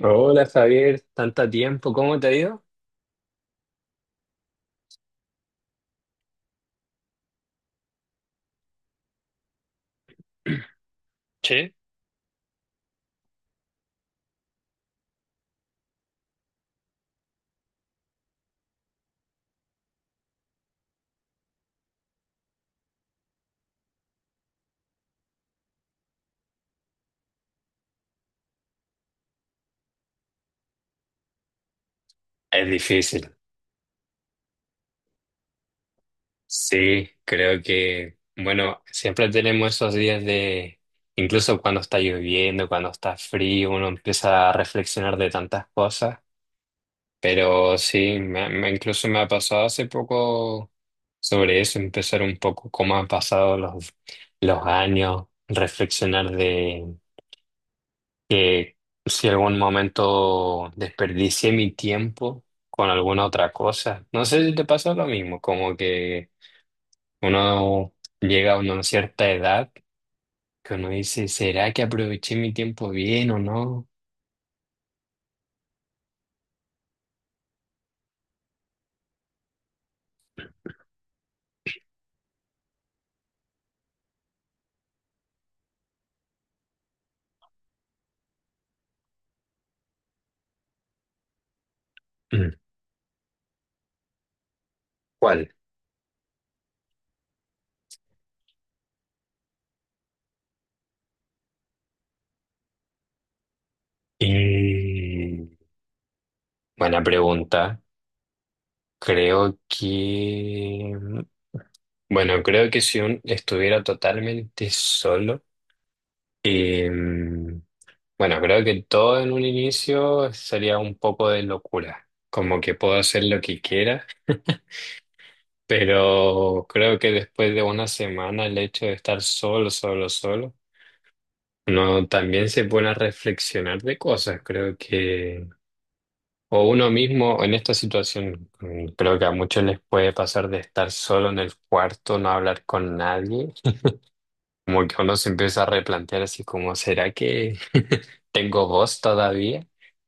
Hola Javier, tanto tiempo, ¿cómo te ha ido? Sí. Es difícil. Sí, creo que, bueno, siempre tenemos esos días de, incluso cuando está lloviendo, cuando está frío, uno empieza a reflexionar de tantas cosas, pero sí, incluso me ha pasado hace poco sobre eso, empezar un poco cómo han pasado los años, reflexionar que si algún momento desperdicié mi tiempo con alguna otra cosa. No sé si te pasa lo mismo, como que uno llega a una cierta edad que uno dice, ¿será que aproveché mi tiempo bien o no? Mm. ¿Cuál? Y buena pregunta. Creo que, bueno, creo que si uno estuviera totalmente solo, eh, bueno, creo que todo en un inicio sería un poco de locura, como que puedo hacer lo que quiera, pero creo que después de una semana el hecho de estar solo, solo, solo, uno también se pone a reflexionar de cosas, creo que, o uno mismo en esta situación, creo que a muchos les puede pasar de estar solo en el cuarto, no hablar con nadie, como que uno se empieza a replantear así como, ¿será que tengo voz todavía?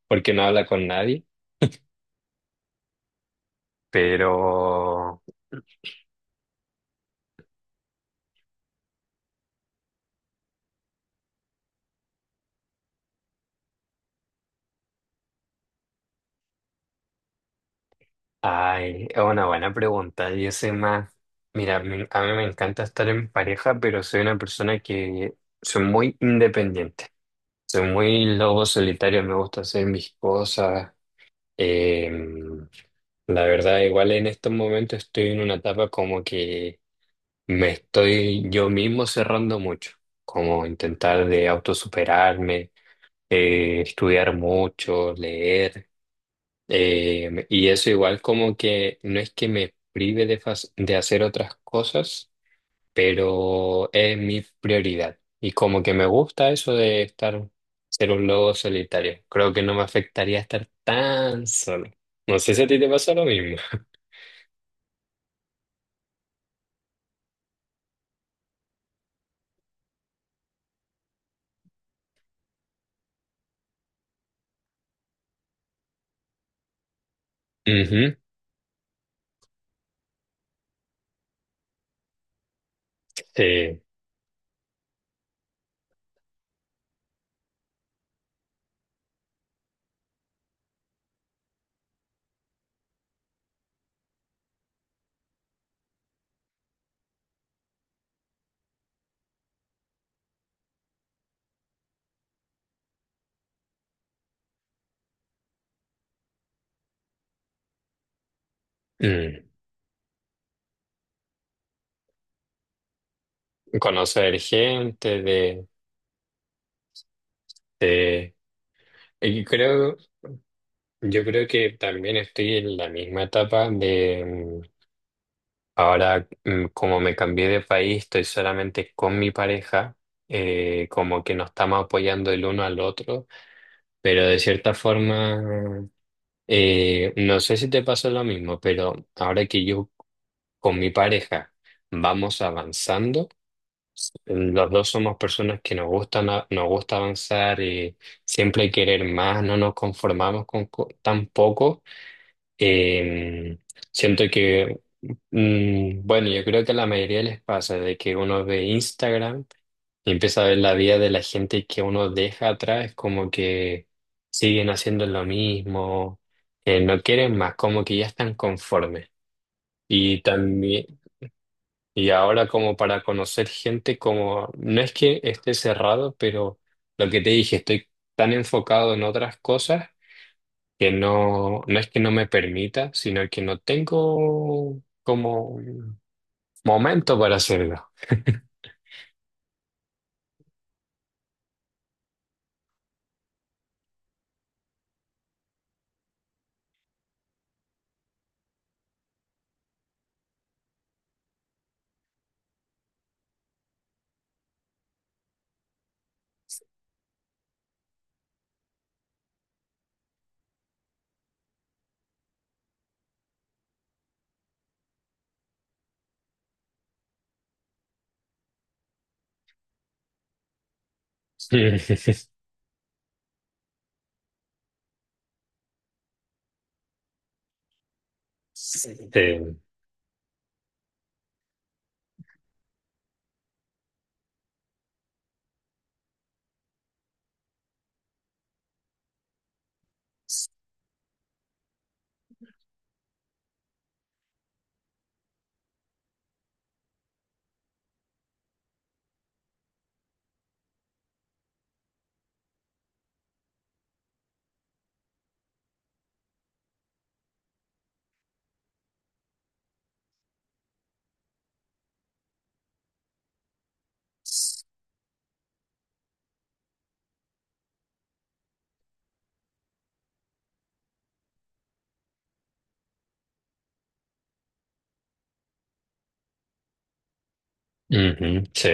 Porque no habla con nadie. Pero, ay, es una buena pregunta. Yo soy más, mira, a mí me encanta estar en pareja, pero soy una persona que soy muy independiente. Soy muy lobo solitario, me gusta hacer mis cosas. Em, la verdad, igual en estos momentos estoy en una etapa como que me estoy yo mismo cerrando mucho, como intentar de autosuperarme, estudiar mucho, leer. Y eso igual como que no es que me prive de, de hacer otras cosas, pero es mi prioridad. Y como que me gusta eso de estar, ser un lobo solitario. Creo que no me afectaría estar tan solo. No sé si a ti te pasa lo mismo. Ujú, sí. Mm. Conocer gente de, de- Y creo, yo creo que también estoy en la misma etapa de ahora, como me cambié de país, estoy solamente con mi pareja, como que nos estamos apoyando el uno al otro, pero de cierta forma, no sé si te pasó lo mismo, pero ahora que yo con mi pareja vamos avanzando, los dos somos personas que nos gustan, nos gusta avanzar, siempre querer más, no nos conformamos con tan poco. eh, Siento que bueno, yo creo que a la mayoría les pasa de que uno ve Instagram y empieza a ver la vida de la gente que uno deja atrás, como que siguen haciendo lo mismo, no quieren más, como que ya están conformes. Y también, y ahora como para conocer gente, como no es que esté cerrado, pero lo que te dije, estoy tan enfocado en otras cosas que no, no es que no me permita, sino que no tengo como momento para hacerlo. Sí, sí, sí. Ujú, sí.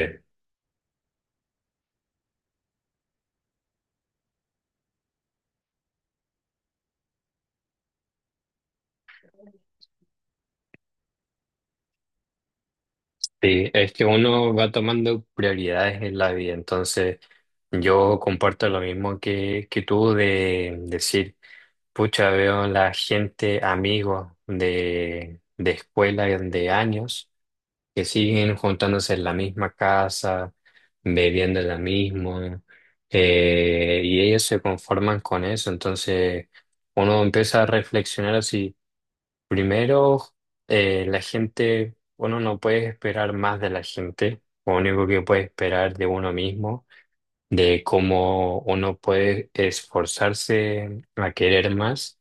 Sí, es que uno va tomando prioridades en la vida, entonces yo comparto lo mismo que tú de decir, pucha, veo la gente, amigos de escuela y de años que siguen juntándose en la misma casa, bebiendo lo mismo, y ellos se conforman con eso, entonces uno empieza a reflexionar así. Primero, la gente, uno no puede esperar más de la gente, lo único que puede esperar de uno mismo, de cómo uno puede esforzarse a querer más.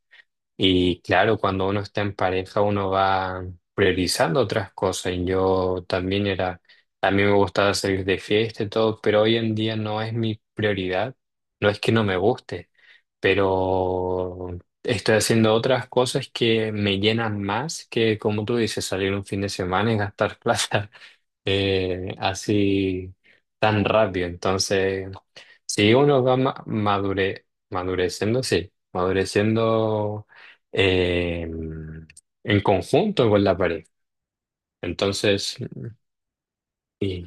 Y claro, cuando uno está en pareja, uno va priorizando otras cosas. Y yo también era, a mí me gustaba salir de fiesta y todo, pero hoy en día no es mi prioridad. No es que no me guste, pero estoy haciendo otras cosas que me llenan más que, como tú dices, salir un fin de semana y gastar plata. Así tan rápido. Entonces, si uno va madureciendo, sí, madureciendo eh, en conjunto con la pareja. Entonces, y,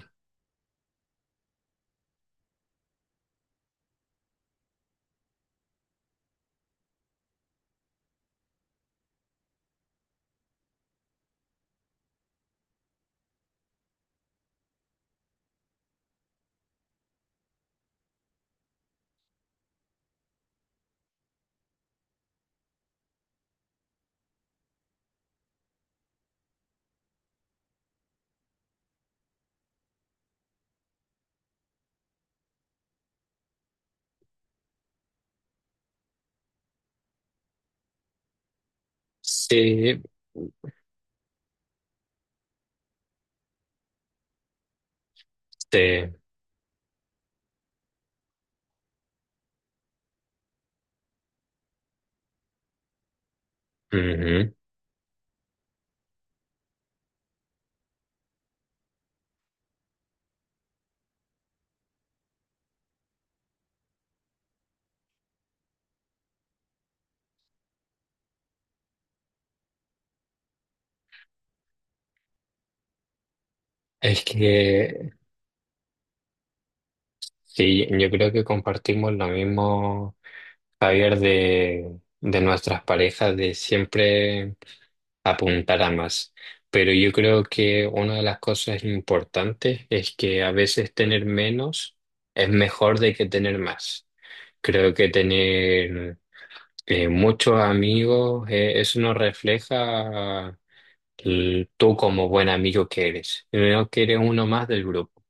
sí, sí, ujú. Es que sí, yo creo que compartimos lo mismo, Javier, de nuestras parejas, de siempre. Apuntar a más. Pero yo creo que una de las cosas importantes es que a veces tener menos es mejor de que tener más. Creo que tener muchos amigos, eso no refleja tú como buen amigo que eres, sino que eres uno más del grupo.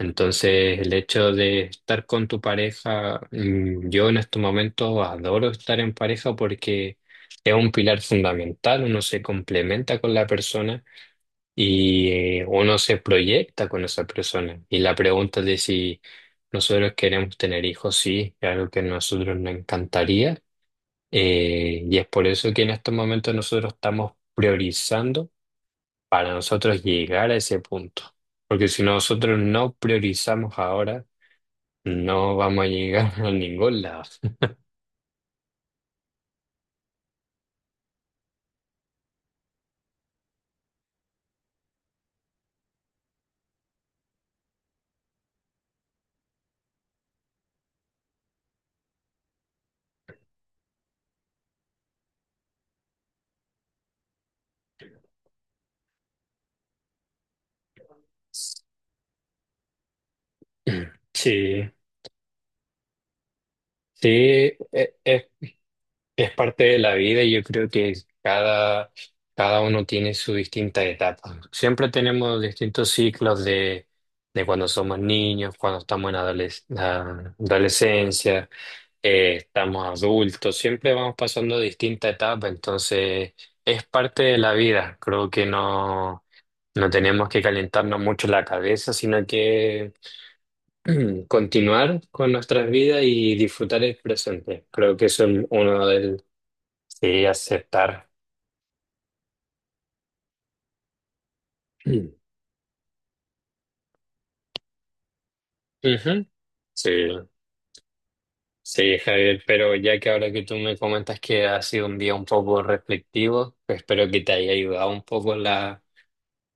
Entonces, el hecho de estar con tu pareja, yo en estos momentos adoro estar en pareja porque es un pilar fundamental, uno se complementa con la persona y uno se proyecta con esa persona. Y la pregunta de si nosotros queremos tener hijos, sí, es algo que a nosotros nos encantaría. Y es por eso que en estos momentos nosotros estamos priorizando para nosotros llegar a ese punto. Porque si nosotros no priorizamos ahora, no vamos a llegar a ningún lado. Sí, sí, e- es, es parte de la vida y yo creo que cada, cada uno tiene su distinta etapa. Siempre tenemos distintos ciclos de cuando somos niños, cuando estamos en la adolescencia, estamos adultos, siempre vamos pasando distinta etapa, entonces es parte de la vida. Creo que no, no tenemos que calentarnos mucho la cabeza, sino que... Continuar con nuestras vidas y disfrutar el presente. Creo que eso es uno del... Sí, aceptar. Mm. Ujú. Sí, sí, Javier, pero ya que ahora que tú me comentas que ha sido un día un poco reflectivo, pues espero que te haya ayudado un poco la...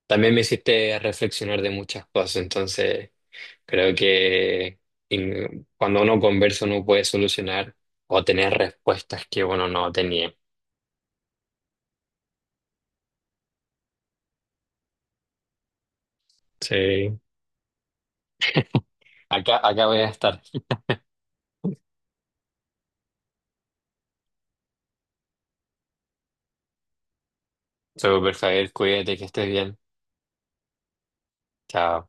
También me hiciste reflexionar de muchas cosas, entonces creo que cuando uno conversa uno puede solucionar o tener respuestas que uno no tenía. Sí, acá, acá voy a estar. Súper, Javier, cuídate, que estés bien. Chao.